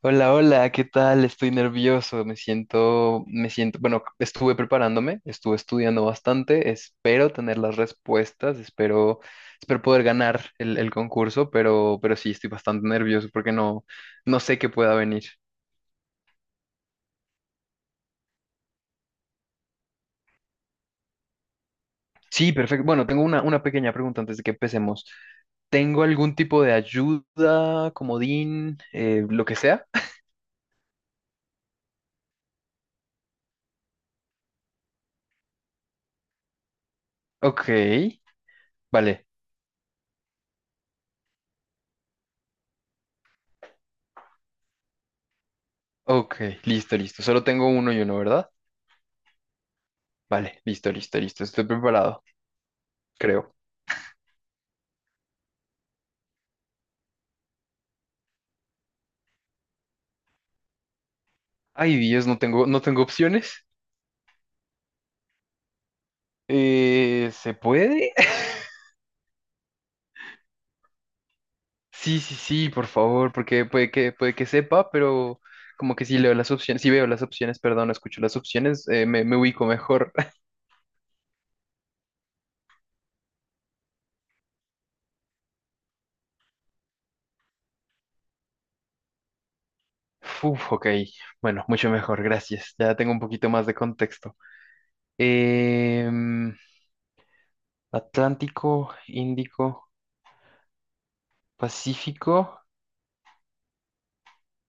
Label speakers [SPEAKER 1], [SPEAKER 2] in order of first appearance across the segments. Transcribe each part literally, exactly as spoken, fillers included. [SPEAKER 1] Hola, hola, ¿qué tal? Estoy nervioso, me siento, me siento, bueno, estuve preparándome, estuve estudiando bastante, espero tener las respuestas, espero, espero poder ganar el, el concurso, pero, pero sí, estoy bastante nervioso porque no, no sé qué pueda venir. Sí, perfecto. Bueno, tengo una, una pequeña pregunta antes de que empecemos. ¿Tengo algún tipo de ayuda, comodín, eh, lo que sea? Ok, vale, ok, listo, listo. Solo tengo uno y uno, ¿verdad? Vale, listo, listo, listo, estoy preparado. Creo. Ay, Dios, no tengo, no tengo opciones. Eh, ¿se puede? Sí, sí, sí, por favor, porque puede que, puede que sepa, pero como que si leo las opciones, si veo las opciones, perdón, no escucho las opciones, eh, me, me ubico mejor. Uf, ok, bueno, mucho mejor, gracias. Ya tengo un poquito más de contexto. Em, Atlántico, Índico, Pacífico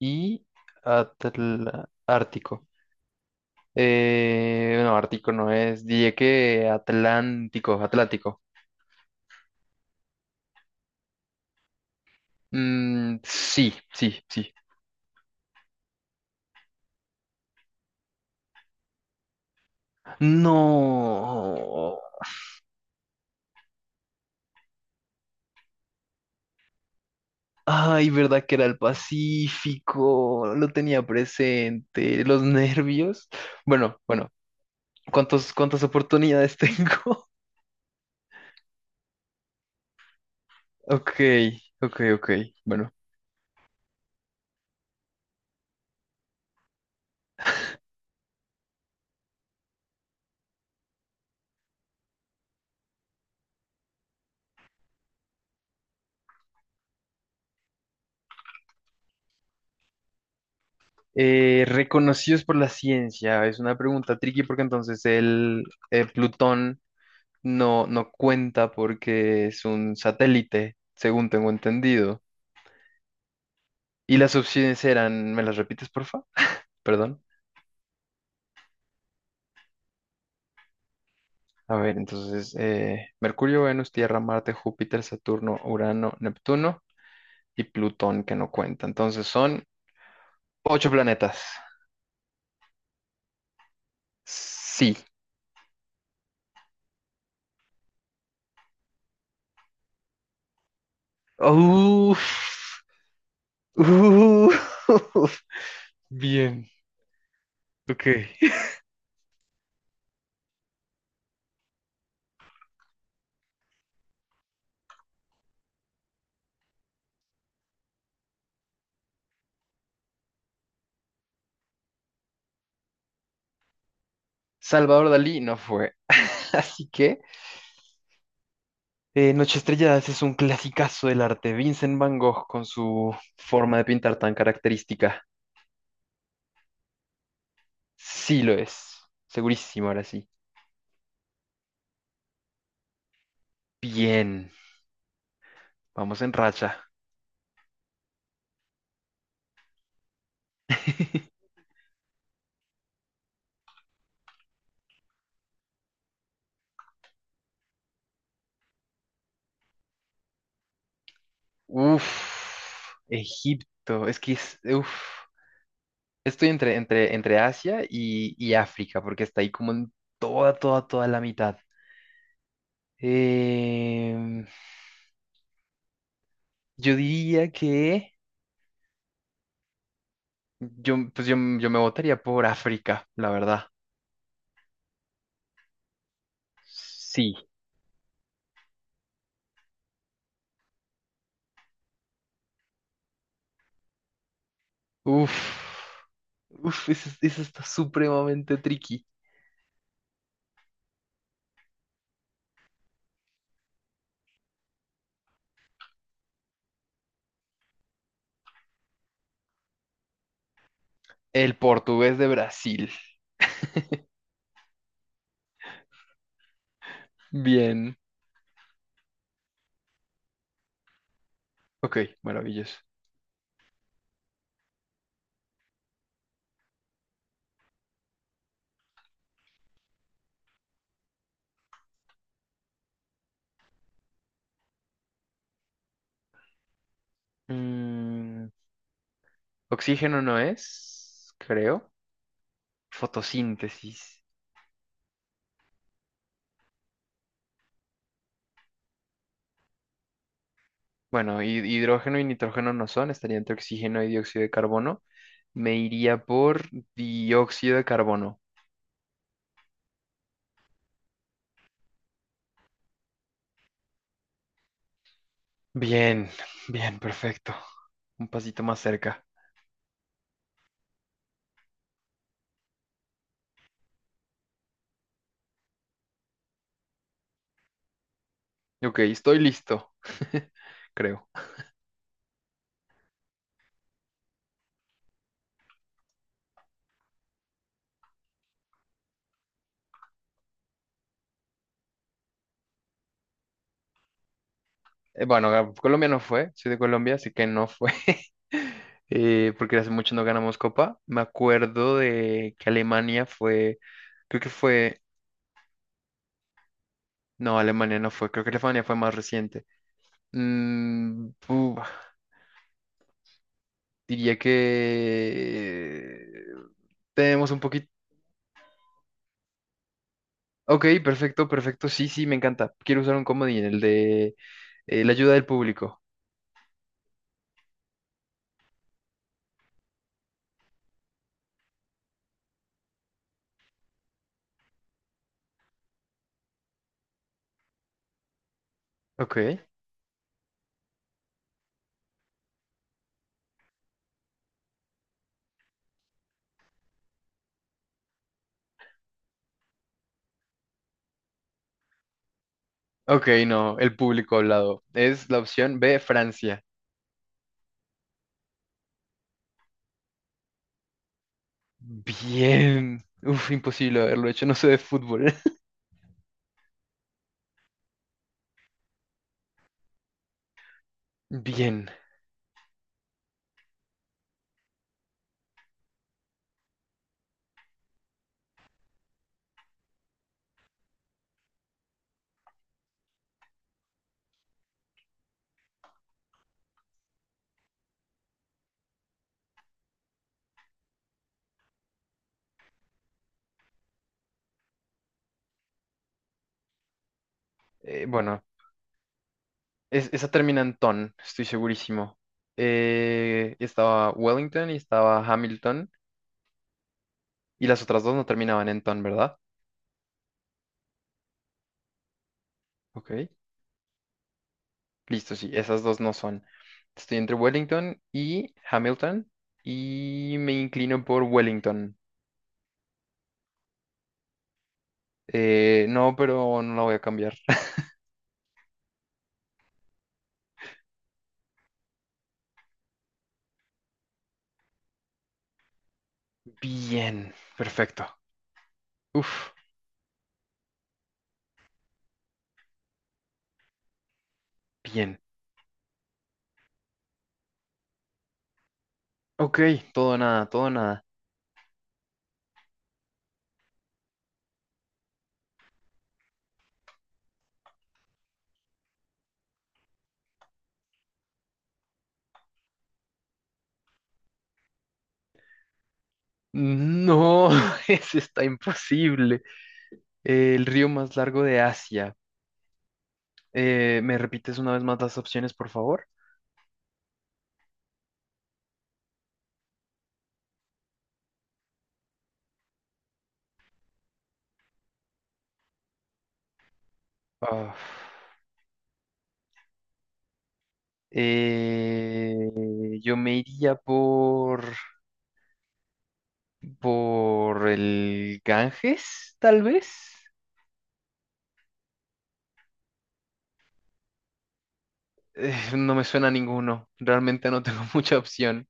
[SPEAKER 1] y Atl- Ártico. Eh, no, Ártico no es. Diría que Atlántico, Atlántico. Mm, sí, sí, sí. No. Ay, verdad que era el Pacífico. Lo tenía presente. Los nervios. Bueno, bueno. ¿Cuántos, cuántas oportunidades tengo? Ok, ok, ok. Bueno. Eh, reconocidos por la ciencia. Es una pregunta tricky porque entonces el, eh, Plutón. No, no cuenta porque es un satélite, según tengo entendido. Y las opciones eran, ¿me las repites, porfa? Perdón. A ver, entonces, eh, Mercurio, Venus, Tierra, Marte, Júpiter, Saturno, Urano, Neptuno y Plutón, que no cuenta. Entonces son ocho planetas. Sí. Uf. Uf. Bien. Ok. Salvador Dalí no fue. Así que Eh, Noche Estrelladas es un clasicazo del arte. Vincent Van Gogh con su forma de pintar tan característica. Sí lo es. Segurísimo, ahora sí. Bien. Vamos en racha. Uf. Egipto. Es que es... Uf. Estoy entre, entre, entre Asia y, y África, porque está ahí como en toda, toda, toda la mitad. Em, yo diría que... Yo, pues yo, yo me votaría por África, la verdad. Sí. Uf, uf, eso, eso está supremamente tricky. El portugués de Brasil. Bien. Ok, maravilloso. Mm, oxígeno no es, creo. Fotosíntesis. Bueno, hi- hidrógeno y nitrógeno no son, estaría entre oxígeno y dióxido de carbono. Me iría por dióxido de carbono. Bien, bien, perfecto. Un pasito más cerca. Ok, estoy listo. Creo. Eh, Bueno, a Colombia no fue, soy de Colombia, así que no fue, eh, porque hace mucho no ganamos copa. Me acuerdo de que Alemania fue, creo que fue, no, Alemania no fue, creo que Alemania fue más reciente. Mm, uf, diría que tenemos un poquito... Ok, perfecto, perfecto, sí, sí, me encanta. Quiero usar un comodín, el de eh, la ayuda del público. Ok, ok, no, el público hablado. Es la opción B, Francia. Bien. Uf, imposible haberlo hecho. No sé de fútbol. Bien. Eh, bueno, es- esa termina en ton, estoy segurísimo. Eh, estaba Wellington y estaba Hamilton. Y las otras dos no terminaban en ton, ¿verdad? Ok. Listo, sí. Esas dos no son. Estoy entre Wellington y Hamilton. Y me inclino por Wellington. Eh, no, pero no la voy a cambiar. Bien. Perfecto. Uf. Bien. Ok. Todo o nada, todo o nada. No, eso está imposible. Eh, el río más largo de Asia. Eh, ¿me repites una vez más las opciones, por favor? Ah, eh, yo me iría por, por el Ganges, tal vez. Eh, no me suena a ninguno. Realmente no tengo mucha opción.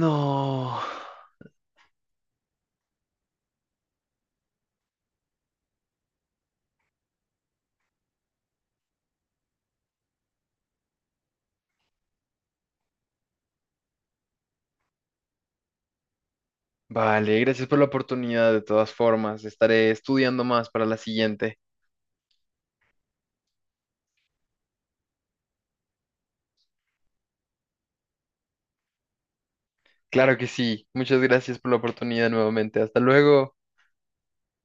[SPEAKER 1] No. Vale, gracias por la oportunidad. De todas formas, estaré estudiando más para la siguiente. Claro que sí. Muchas gracias por la oportunidad nuevamente. Hasta luego.